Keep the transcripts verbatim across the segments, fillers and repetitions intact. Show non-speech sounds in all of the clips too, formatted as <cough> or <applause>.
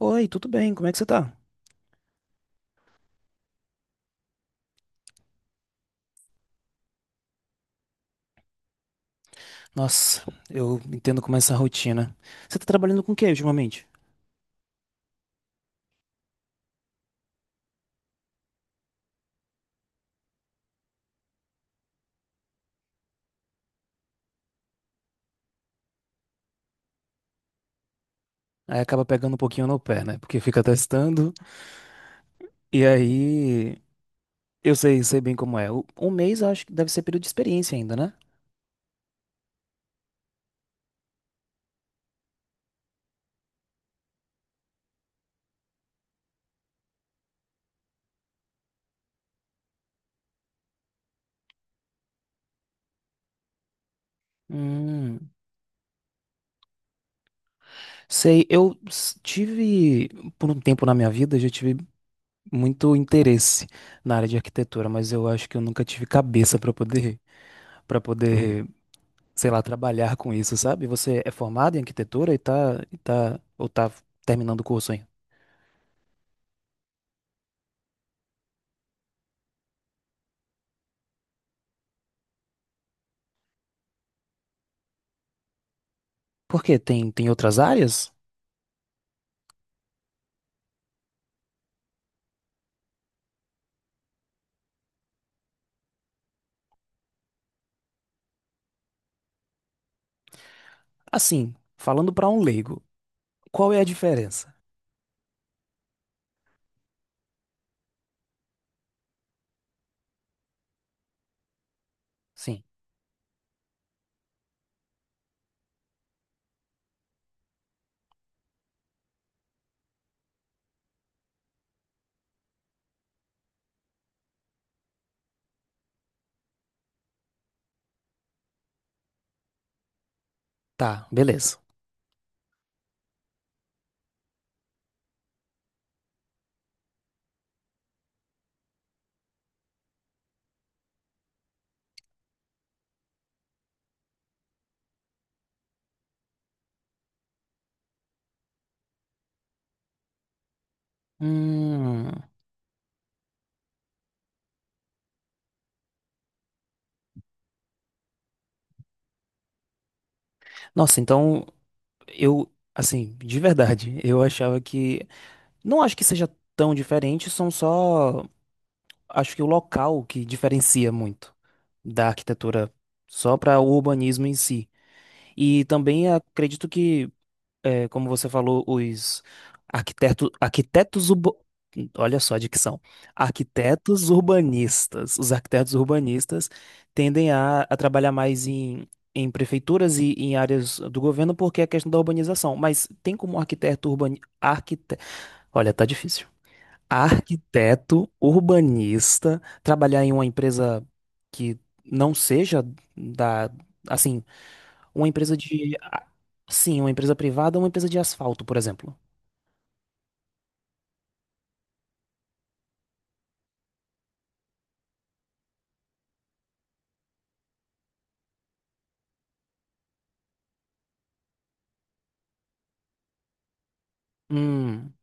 Oi, tudo bem? Como é que você tá? Nossa, eu entendo como é essa rotina. Você tá trabalhando com o que ultimamente? Aí acaba pegando um pouquinho no pé, né? Porque fica testando. E aí, eu sei, sei bem como é. O- Um mês eu acho que deve ser período de experiência ainda, né? Hum, sei, eu s- tive, por um tempo na minha vida, eu já tive muito interesse na área de arquitetura, mas eu acho que eu nunca tive cabeça para poder, para poder sei lá, trabalhar com isso, sabe? Você é formado em arquitetura e tá, e tá, ou tá terminando o curso ainda. Por quê? Tem, tem outras áreas? Assim, falando pra um leigo, qual é a diferença? Sim, tá, beleza. Hum, nossa, então eu, assim, de verdade, eu achava que, não acho que seja tão diferente, são só, acho que o local que diferencia muito da arquitetura só para o urbanismo em si. E também acredito que é, como você falou, os arquiteto, arquitetos, urba- olha só a dicção, arquitetos urbanistas. Os arquitetos urbanistas tendem a, a trabalhar mais em, em prefeituras e em áreas do governo porque é a questão da urbanização. Mas tem como arquiteto urbanista, arquite, olha, tá difícil. Arquiteto urbanista trabalhar em uma empresa que não seja da, assim uma empresa de. a- Sim, uma empresa privada ou uma empresa de asfalto, por exemplo. Hum,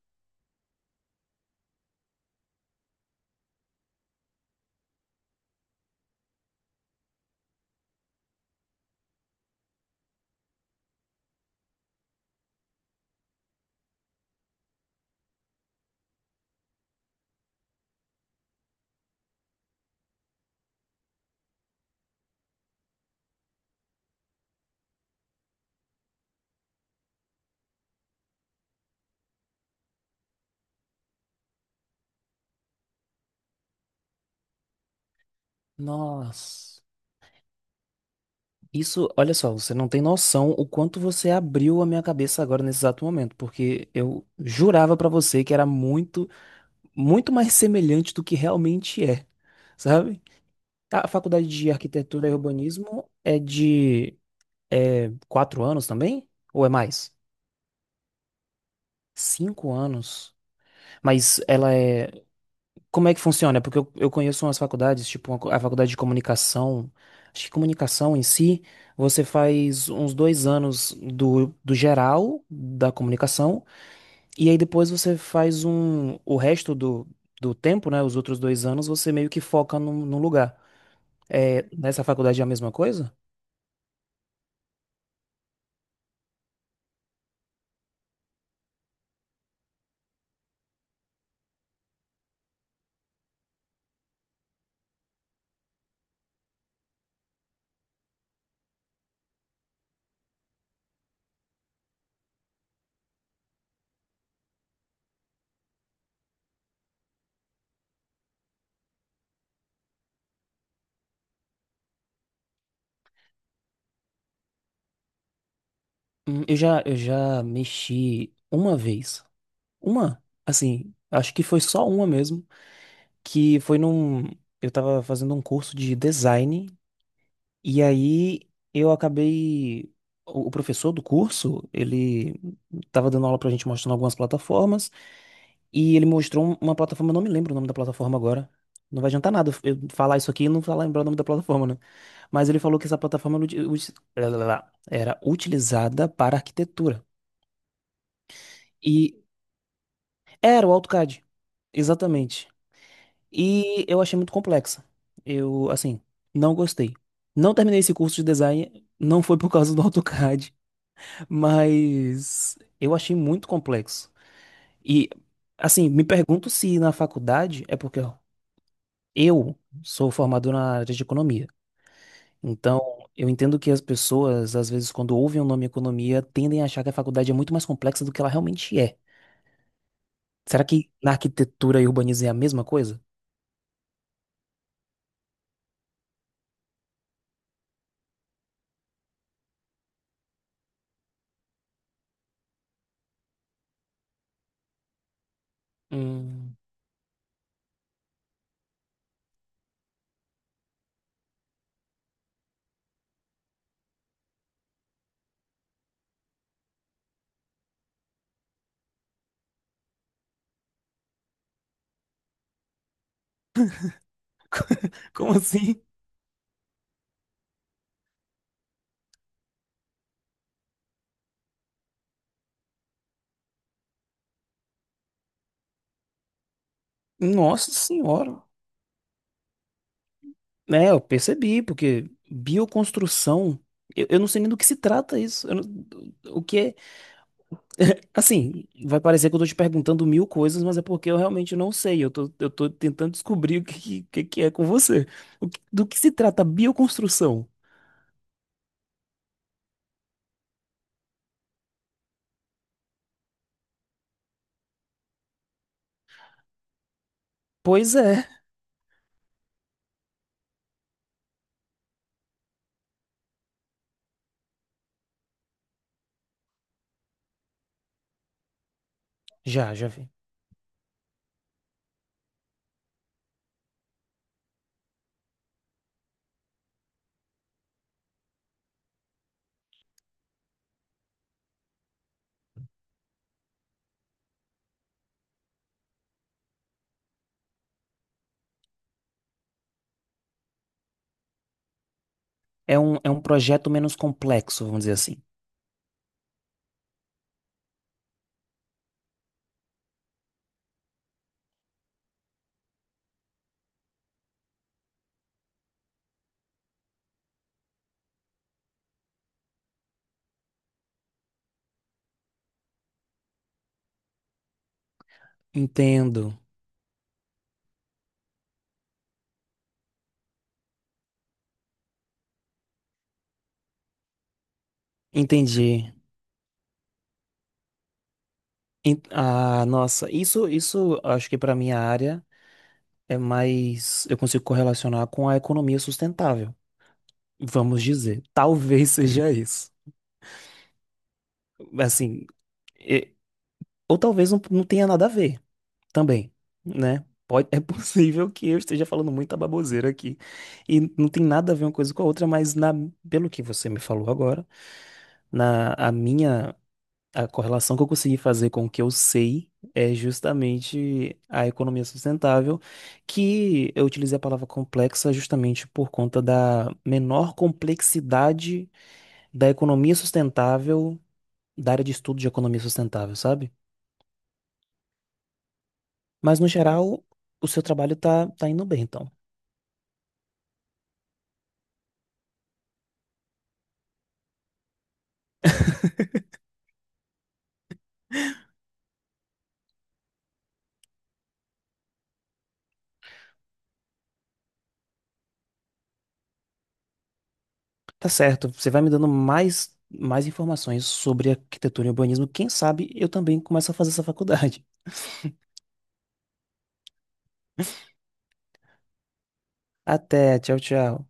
nossa. Isso, olha só, você não tem noção o quanto você abriu a minha cabeça agora nesse exato momento, porque eu jurava pra você que era muito, muito mais semelhante do que realmente é, sabe? A faculdade de arquitetura e urbanismo é de é, quatro anos também? Ou é mais? Cinco anos. Mas ela é como é que funciona? Porque eu, eu conheço umas faculdades, tipo uma co- a faculdade de comunicação. Acho que comunicação em si, você faz uns dois anos do, do geral da comunicação, e aí depois você faz um, o resto do, do tempo, né? Os outros dois anos, você meio que foca num, num lugar. É, nessa faculdade é a mesma coisa? Hum, Eu já, eu já mexi uma vez. Uma, assim, acho que foi só uma mesmo, que foi num. Eu tava fazendo um curso de design e aí eu acabei. O o professor do curso, ele tava dando aula pra gente mostrando algumas plataformas, e ele mostrou um- uma plataforma, eu não me lembro o nome da plataforma agora. Não vai adiantar nada eu falar isso aqui e não falar lembrar o nome da plataforma, né? Mas ele falou que essa plataforma era uti- uti- lá, lá, lá, era utilizada para arquitetura. E era o AutoCAD, exatamente. E eu achei muito complexa. Eu, assim, não gostei. Não terminei esse curso de design, não foi por causa do AutoCAD. Mas eu achei muito complexo. E, assim, me pergunto se na faculdade é porque ó, eu sou formado na área de economia. Então, eu entendo que as pessoas, às vezes, quando ouvem o nome economia, tendem a achar que a faculdade é muito mais complexa do que ela realmente é. Será que na arquitetura e urbanismo é a mesma coisa? Hum, como assim? Nossa senhora. É, eu percebi, porque bioconstrução, eu, eu não sei nem do que se trata isso. Eu não- o que é. Assim, vai parecer que eu tô te perguntando mil coisas, mas é porque eu realmente não sei. Eu tô, eu tô tentando descobrir o que, que, que é com você. O que- do que se trata a bioconstrução? Pois é, já, já vi. É um, é um projeto menos complexo, vamos dizer assim. Entendo, entendi. En- ah, nossa, isso, isso acho que para minha área é mais. Eu consigo correlacionar com a economia sustentável, vamos dizer. Talvez seja isso. Assim, e- ou talvez não, não tenha nada a ver. Também, né? Pode, é possível que eu esteja falando muita baboseira aqui. E não tem nada a ver uma coisa com a outra, mas na, pelo que você me falou agora, na, a minha, a correlação que eu consegui fazer com o que eu sei é justamente a economia sustentável, que eu utilizei a palavra complexa justamente por conta da menor complexidade da economia sustentável, da área de estudo de economia sustentável, sabe? Mas no geral, o seu trabalho tá, tá indo bem, então. Tá certo, você vai me dando mais, mais informações sobre arquitetura e urbanismo. Quem sabe eu também começo a fazer essa faculdade. <laughs> Até, tchau, tchau.